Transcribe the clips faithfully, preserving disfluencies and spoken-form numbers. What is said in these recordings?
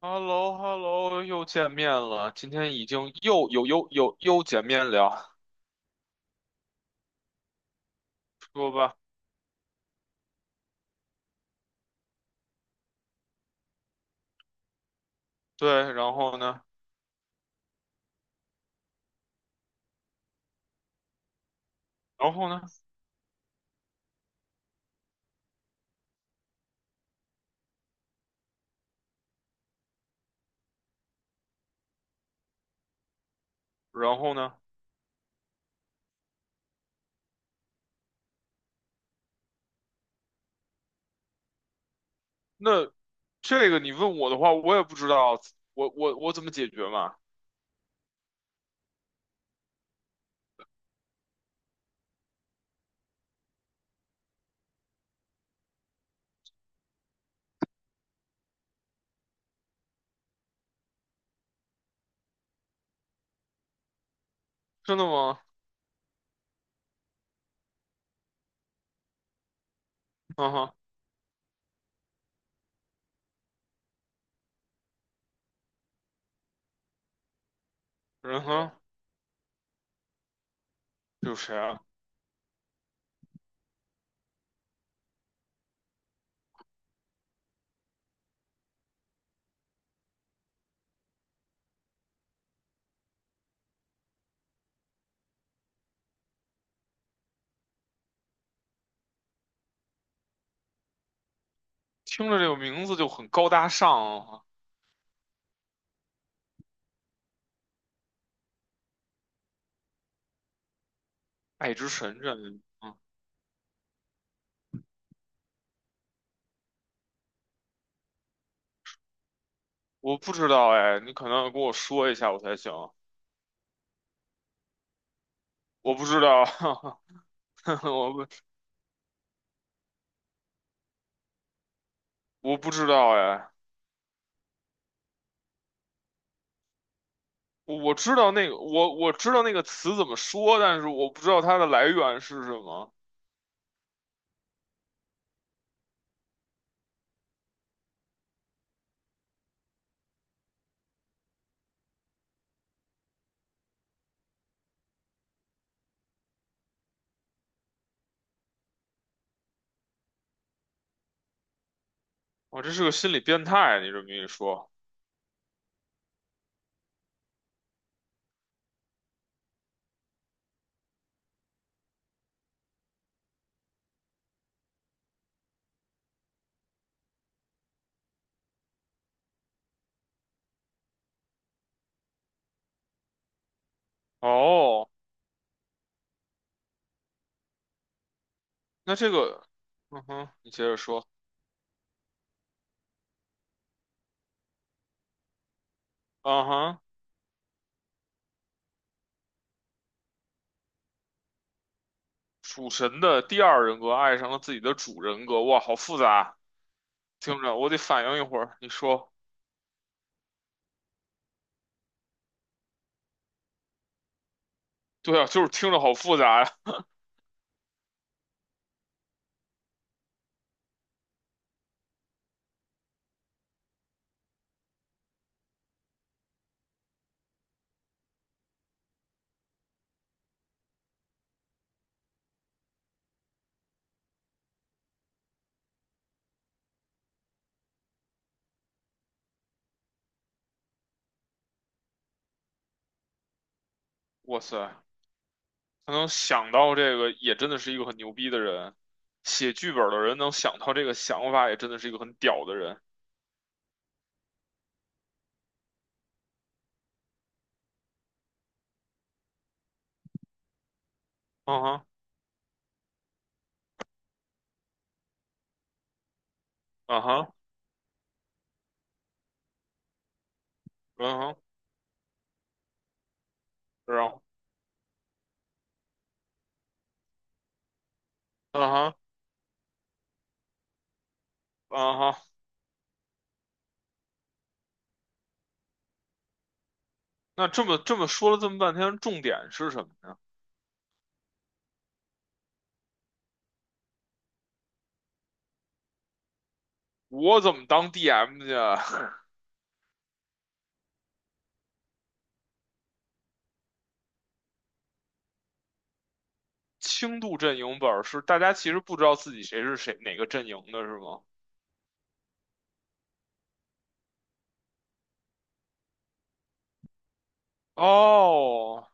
h e l l o h e l l o 又见面了。今天已经又又又又又见面了，说吧。对，然后呢？然后呢？然后呢？那这个你问我的话，我也不知道，我我我怎么解决嘛？真的吗？嗯哼，嗯哼，有谁啊？听着这个名字就很高大上啊，爱之神这，嗯，我不知道哎，你可能要跟我说一下我才行。我不知道，我不我不知道哎。我知道那个，我我知道那个词怎么说，但是我不知道它的来源是什么。我这是个心理变态，你这么一说。哦，那这个，嗯哼，你接着说。嗯哼，主神的第二人格爱上了自己的主人格，哇，好复杂。听着，我得反应一会儿。你说，对啊，就是听着好复杂呀。哇塞，他能想到这个，也真的是一个很牛逼的人。写剧本的人能想到这个想法，也真的是一个很屌的人。嗯哼，嗯哼，嗯哼。然后，啊哈，啊哈，那这么这么说了这么半天，重点是什么呢？我怎么当 D M 去啊 轻度阵营本儿是大家其实不知道自己谁是谁哪个阵营的是吗？哦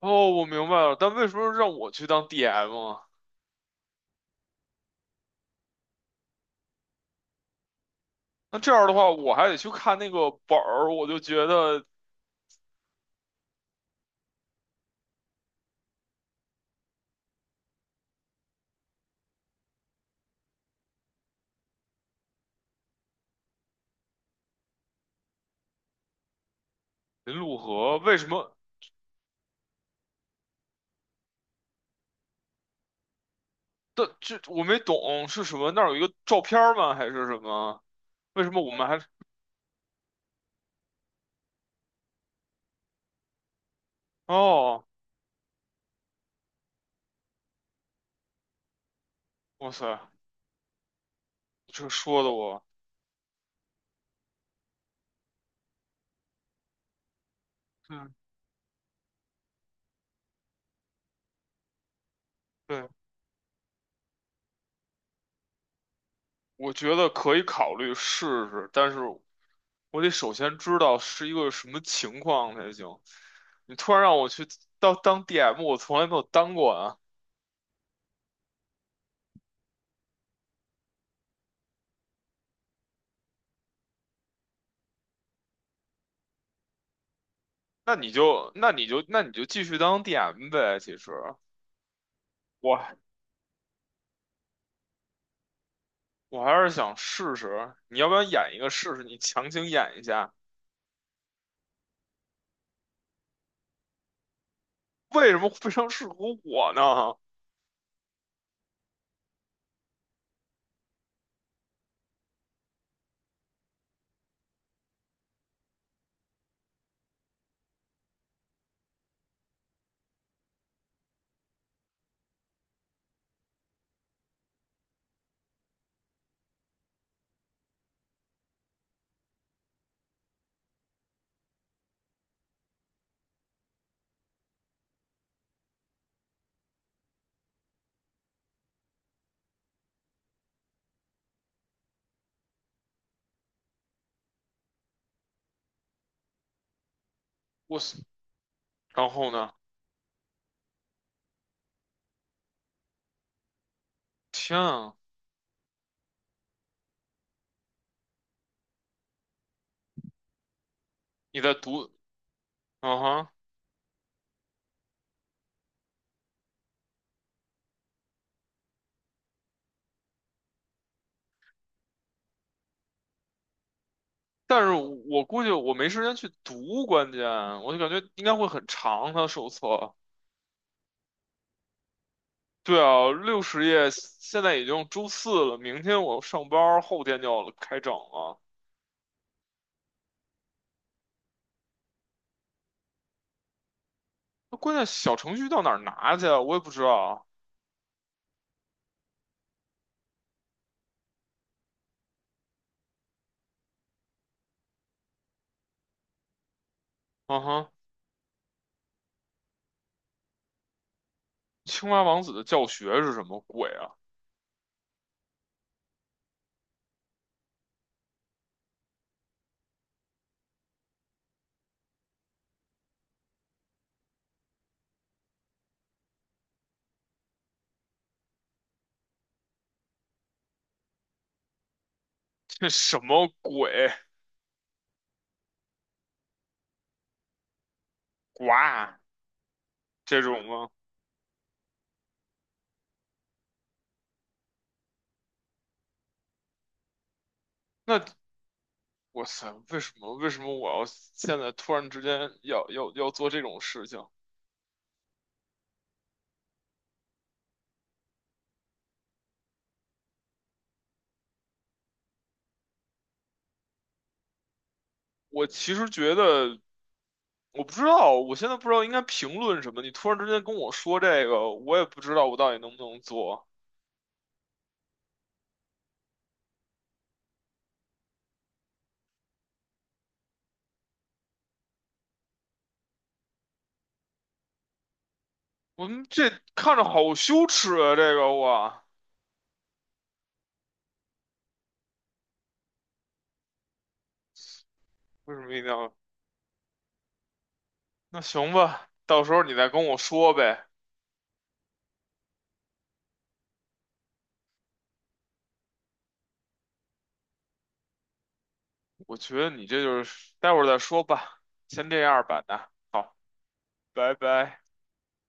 哦，我明白了，但为什么让我去当 D M 啊？那这样的话，我还得去看那个本儿，我就觉得林陆河为什么？但这我没懂是什么？那儿有一个照片儿吗？还是什么？为什么我们还？哦，哇塞，这说的我。嗯。对，我觉得可以考虑试试，但是我得首先知道是一个什么情况才行。你突然让我去当当 D M,我从来没有当过啊。那你就那你就那你就继续当 D M 呗。其实我我还是想试试，你要不要演一个试试？你强行演一下，为什么非常适合我呢？我是然后呢？天啊，你在读？嗯但是我估计我没时间去读，关键我就感觉应该会很长，它手册。对啊，六十页，现在已经周四了，明天我上班儿后天就要开整了。那关键小程序到哪儿拿去啊？我也不知道。嗯哼，青蛙王子的教学是什么鬼啊？这什么鬼？哇，这种吗？那哇塞，为什么为什么我要现在突然之间要要要做这种事情？我其实觉得。我不知道，我现在不知道应该评论什么。你突然之间跟我说这个，我也不知道我到底能不能做。我们这看着好羞耻啊，这个哇，为什么一定要？那行吧，到时候你再跟我说呗。我觉得你这就是待会儿再说吧，先这样吧，那好，拜拜。